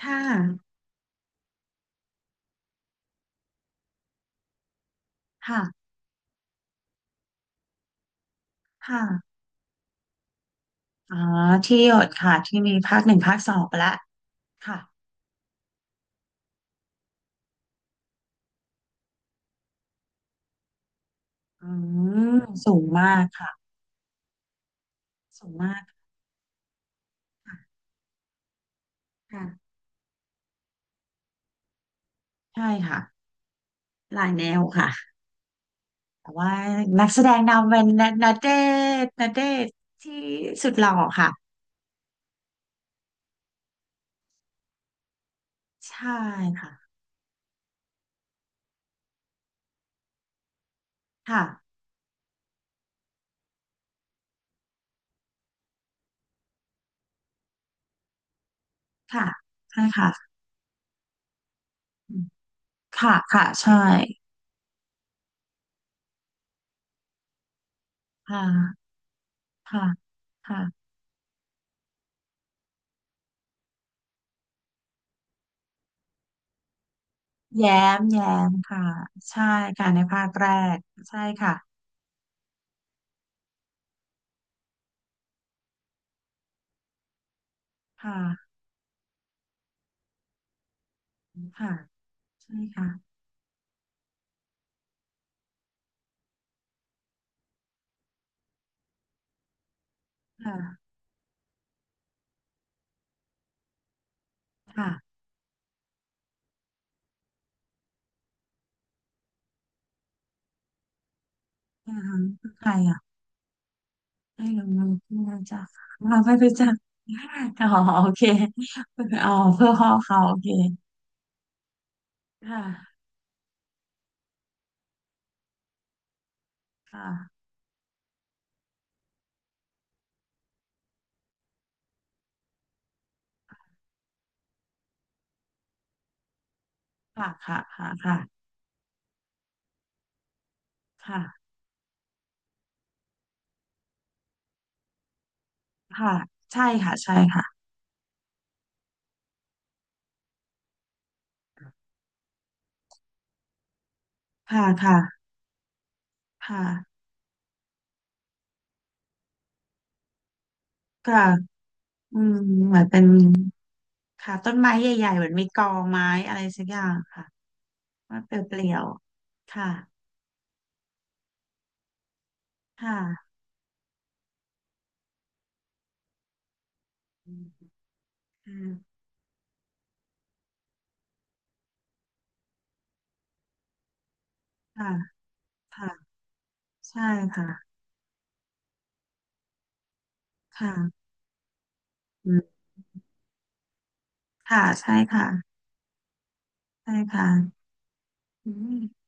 ค่ะค่ะค่ะอ๋อที่หยดค่ะ ที่มีภาคหนึ่งภาคสองไปแล้วค่ะอืมสูงมากค่ะ สูงมากค่ะค่ะใช่ค่ะหลายแนวค่ะแต่ว่านักแสดงนำเป็นณเดชน์ณเดชน์ที่สุดหล่อค่ะ ใช่ค่ะ ค่ะ ค่ะ ใช่ค่ะอืมค่ะค่ะใช่ค่ะ ค่ะค่ะแย้มแย้มค่ะใช่ค่ะในภาคแรกใช่ค่ะค่ะค่ะ ใช่ค่ะค่ะค่ะอาหารคือใครอ่ะไม่รู้ไม่รู้จักค่ะไม่รู้จักอ๋อโอเคอ๋อเพื่อพ่อเขาโอเคค่ะค่ะค่ะค่ะค่ะค่ะค่ะค่ะใช่ค่ะใช่ค่ะค่ะค่ะค่ะก็อืมเหมือนเป็นค่ะต้นไม้ใหญ่ๆเหมือนมีกอไม้อะไรสักอย่างค่ะมันเปลี่ยวๆค่ะค่ะอืมค่ะค่ะใช่ค่ะค่ะอืม ค่ะใช่ค่ะใช่ค่ะอืม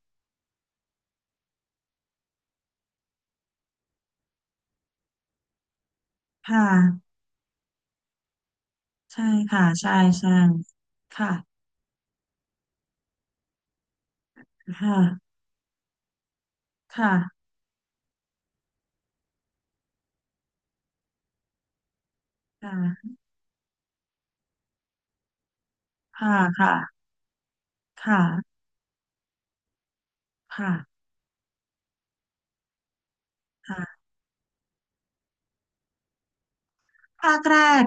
ค่ะใช่ค่ะใช่ใช่ค่ะค่ะค่ะค่ะค่ะค่ะค่ะค่ะค่ะภาคแรก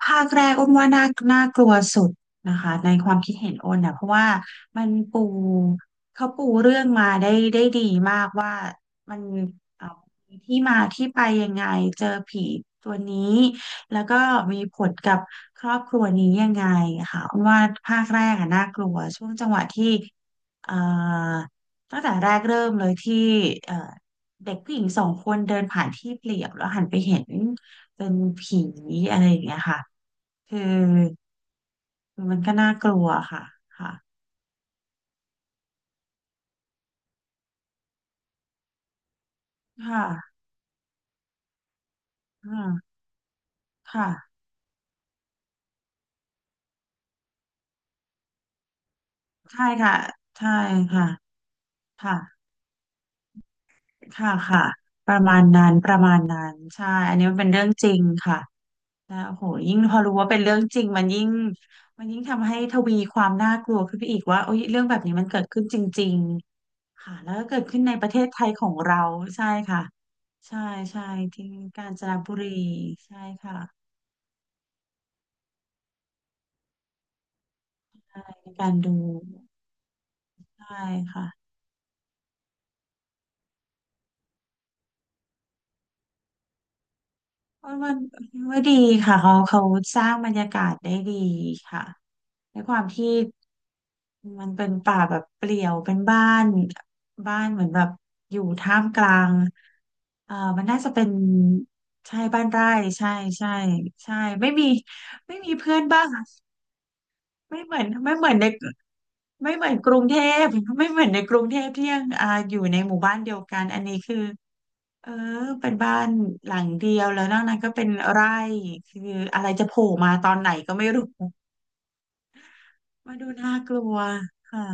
ภาคแรกอ้นว่าน่าน่ากลัวสุดนะคะในความคิดเห็นอ้นนะเพราะว่ามันปูเขาปูเรื่องมาได้ได้ดีมากว่ามันเอ่อมีที่มาที่ไปยังไงเจอผีตัวนี้แล้วก็มีผลกับครอบครัวนี้ยังไงค่ะอ้นว่าภาคแรกอะน่ากลัวช่วงจังหวะที่เอ่อตั้งแต่แรกเริ่มเลยที่เอ่อเด็กผู้หญิงสองคนเดินผ่านที่เปลี่ยวแล้วหันไปเห็นเป็นผีอะไรอย่างเงี้ยค่ะ คือมันก็น่ากลัวค่ะค่ะค่ะอ่าค่ะใช่ค่ะใช่ค่ะค่ะค่ะค่ะประมาณนั้นประมาณนั้นใช่อันนี้มันเป็นเรื่องจริงค่ะแล้วโหยิ่งพอรู้ว่าเป็นเรื่องจริงมันยิ่งมันยิ่งทำให้ทวีความน่ากลัวขึ้นไปอีกว่าโอ้ยเรื่องแบบนี้มันเกิดขึ้นจริงๆค่ะแล้วก็เกิดขึ้นในประเทศไทยของเราใช่ค่ะใช่ใช่ที่กาญจนบุรีใช่ค่ะในการดูใช่ค่ะ ว่ามันว่าดีค่ะเขาเขาสร้างบรรยากาศได้ดีค่ะในความที่มันเป็นป่าแบบเปลี่ยวเป็นบ้านบ้านเหมือนแบบอยู่ท่ามกลางมันน่าจะเป็นใช่บ้านไร่ใช่ใช่ใช่ไม่มีไม่มีเพื่อนบ้างไม่เหมือนไม่เหมือนในไม่เหมือนกรุงเทพไม่เหมือนในกรุงเทพที่ยังอ่าอยู่ในหมู่บ้านเดียวกันอันนี้คือ เออเป็นบ้านหลังเดียวแล้วนอกนั้นก็เป็นไร่คืออะไรจะโผล่มาตอนไหนก็ไม่รู้มาดูน่ากลัวค่ะ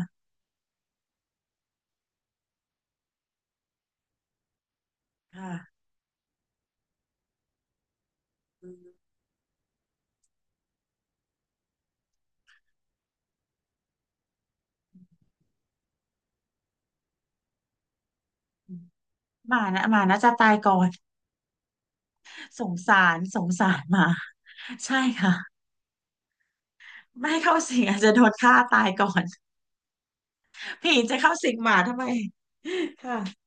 ค่ะหมานะหมาน่าจะตายก่อน สงสารสงสารหมาใช่ค่ะไม่เข้าสิงอาจจะโดนฆ่าตายก่อน ผีจะเข้าสิงหมาทำไมค่ะ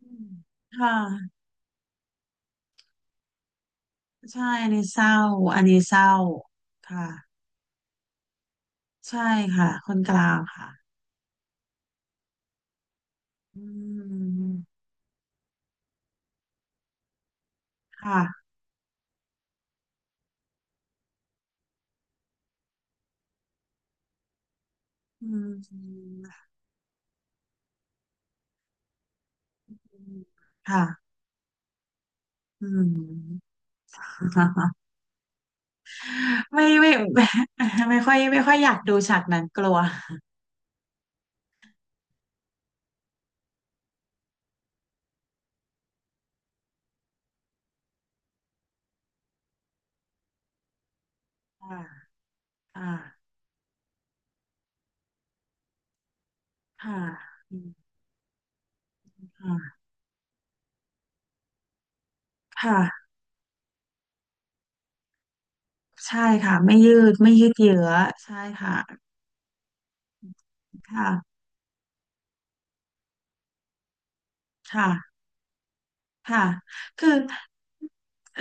อืมค่ะใช่อันนี้เศร้าอันนี้เศร้าค่ะใช่ค่ะคนกลางค่ะอืมค่ะอืม ค่ะอืม ไม่ไม่ ไม่ไม่ค่อยไม่ค่อยอยากดูฉากนั้นกลัว ค่ะค่ะค่ะอืมค่ะค่ะใช่ค่ะไม่ยืดไม่ยืดเยื้อใช่ค่ะค่ะค่ะค่ะคือ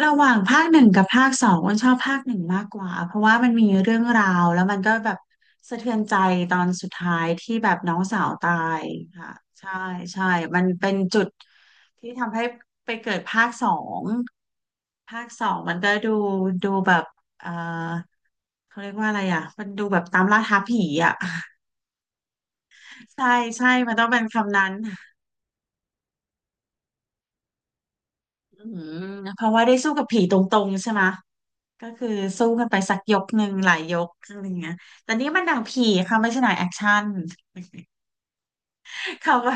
ระหว่างภาคหนึ่งกับภาคสองอ้นชอบภาคหนึ่งมากกว่าเพราะว่ามันมีเรื่องราวแล้วมันก็แบบสะเทือนใจตอนสุดท้ายที่แบบน้องสาวตายค่ะใช่ใช่มันเป็นจุด ที่ทำให้ไปเกิดภาคสองภาคสองมันก็ดูดูแบบเออเขาเรียกว่าอะไรอ่ะมันดูแบบตามล่าท้าผีอ่ะ ใช่ใช่ มันต้องเป็นคำนั้นอืมเพราะว่าได้สู้กับผีตรงๆใช่ไหมะก็คือสู้กันไปสักยกหนึ่งหลายยกอะไรเงี้ยแต่นี่มันหนังผีค่ะไม่ใช่หนังแอคชั่น เขาก็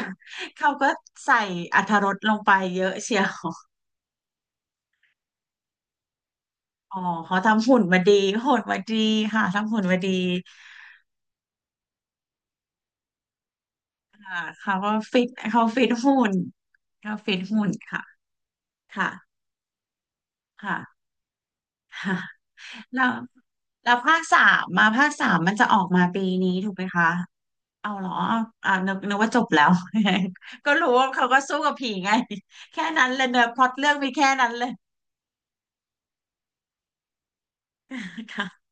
เขาก็ใส่อรรถรสลงไปเยอะเชียว อ๋อเขาทำหุ่นมาดีหุ่นมาดีค่ะทำหุ่นมาดี อ่าเขาก็ฟิตเขาฟิตหุ่นเขาฟิตหุ่นค่ะค่ะค่ะ ค่ะแล้วแล้วภาคสามมาภาคสามมันจะออกมาปีนี้ถูกไหมคะเอาเหรอเอาอ่านึกนึกว่าจบแล้ว ก็รู้ว่าเขาก็สู้กับผีไง แค่นั้นเลยเนอะพล็อตเรื่องมีแค่นั้นเลย ค่ะ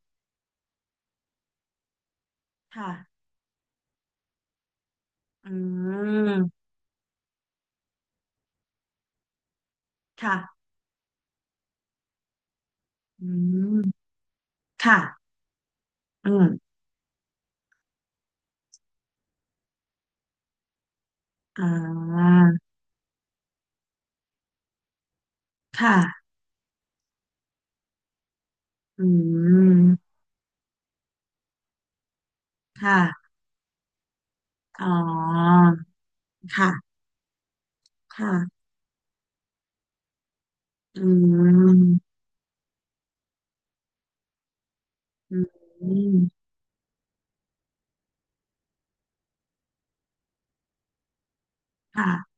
ค่ะอืมค่ะอืมค่ะอืมอ่าค่ะอืมค่ะอ๋อค่ะค่ะ อืมอืมค่ะ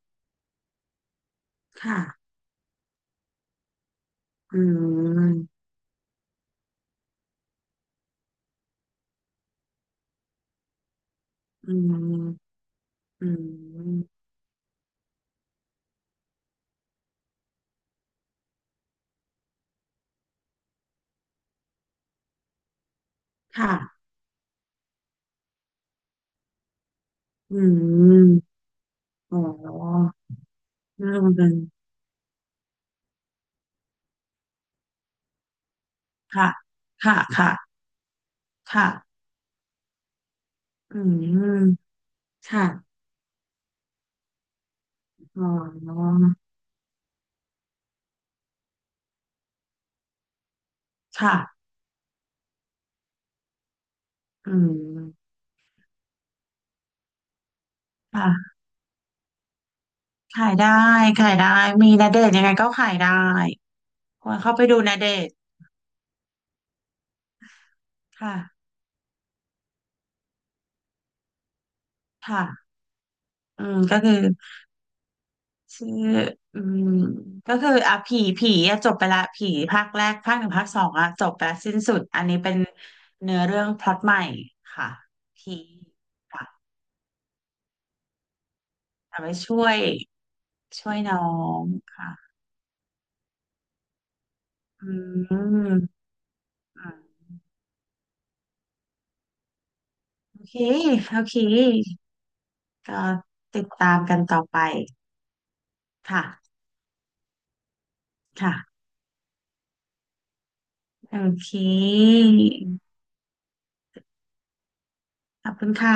ค่ะอืมอืมอืมค่ะอืมอ๋อเรื่องเดันค่ะค่ะค่ะค่ะอืมค่ะอ๋อค่ะอืมค่ะขายได้ขายได้มีณเดชน์ยังไงก็ขายได้ควรเข้าไปดูณเดชน์ค่ะค่ะอืมก็คือ ชื่ออืมก็คืออ่ะผีผีอ่ะจบไปละผีภาคแรกภาคหนึ่งภาคสองอ่ะจบไปละสิ้นสุดอันนี้เป็นเนื้อเรื่องพล็อตใหม่ค่ะผีค่ะเอาไว้ช่วยช่วยน้องค่ะอืมอืมโอเคโอเคก็ติดตามกันต่อไปค่ะค่ะโอเคขอบคุณค่ะ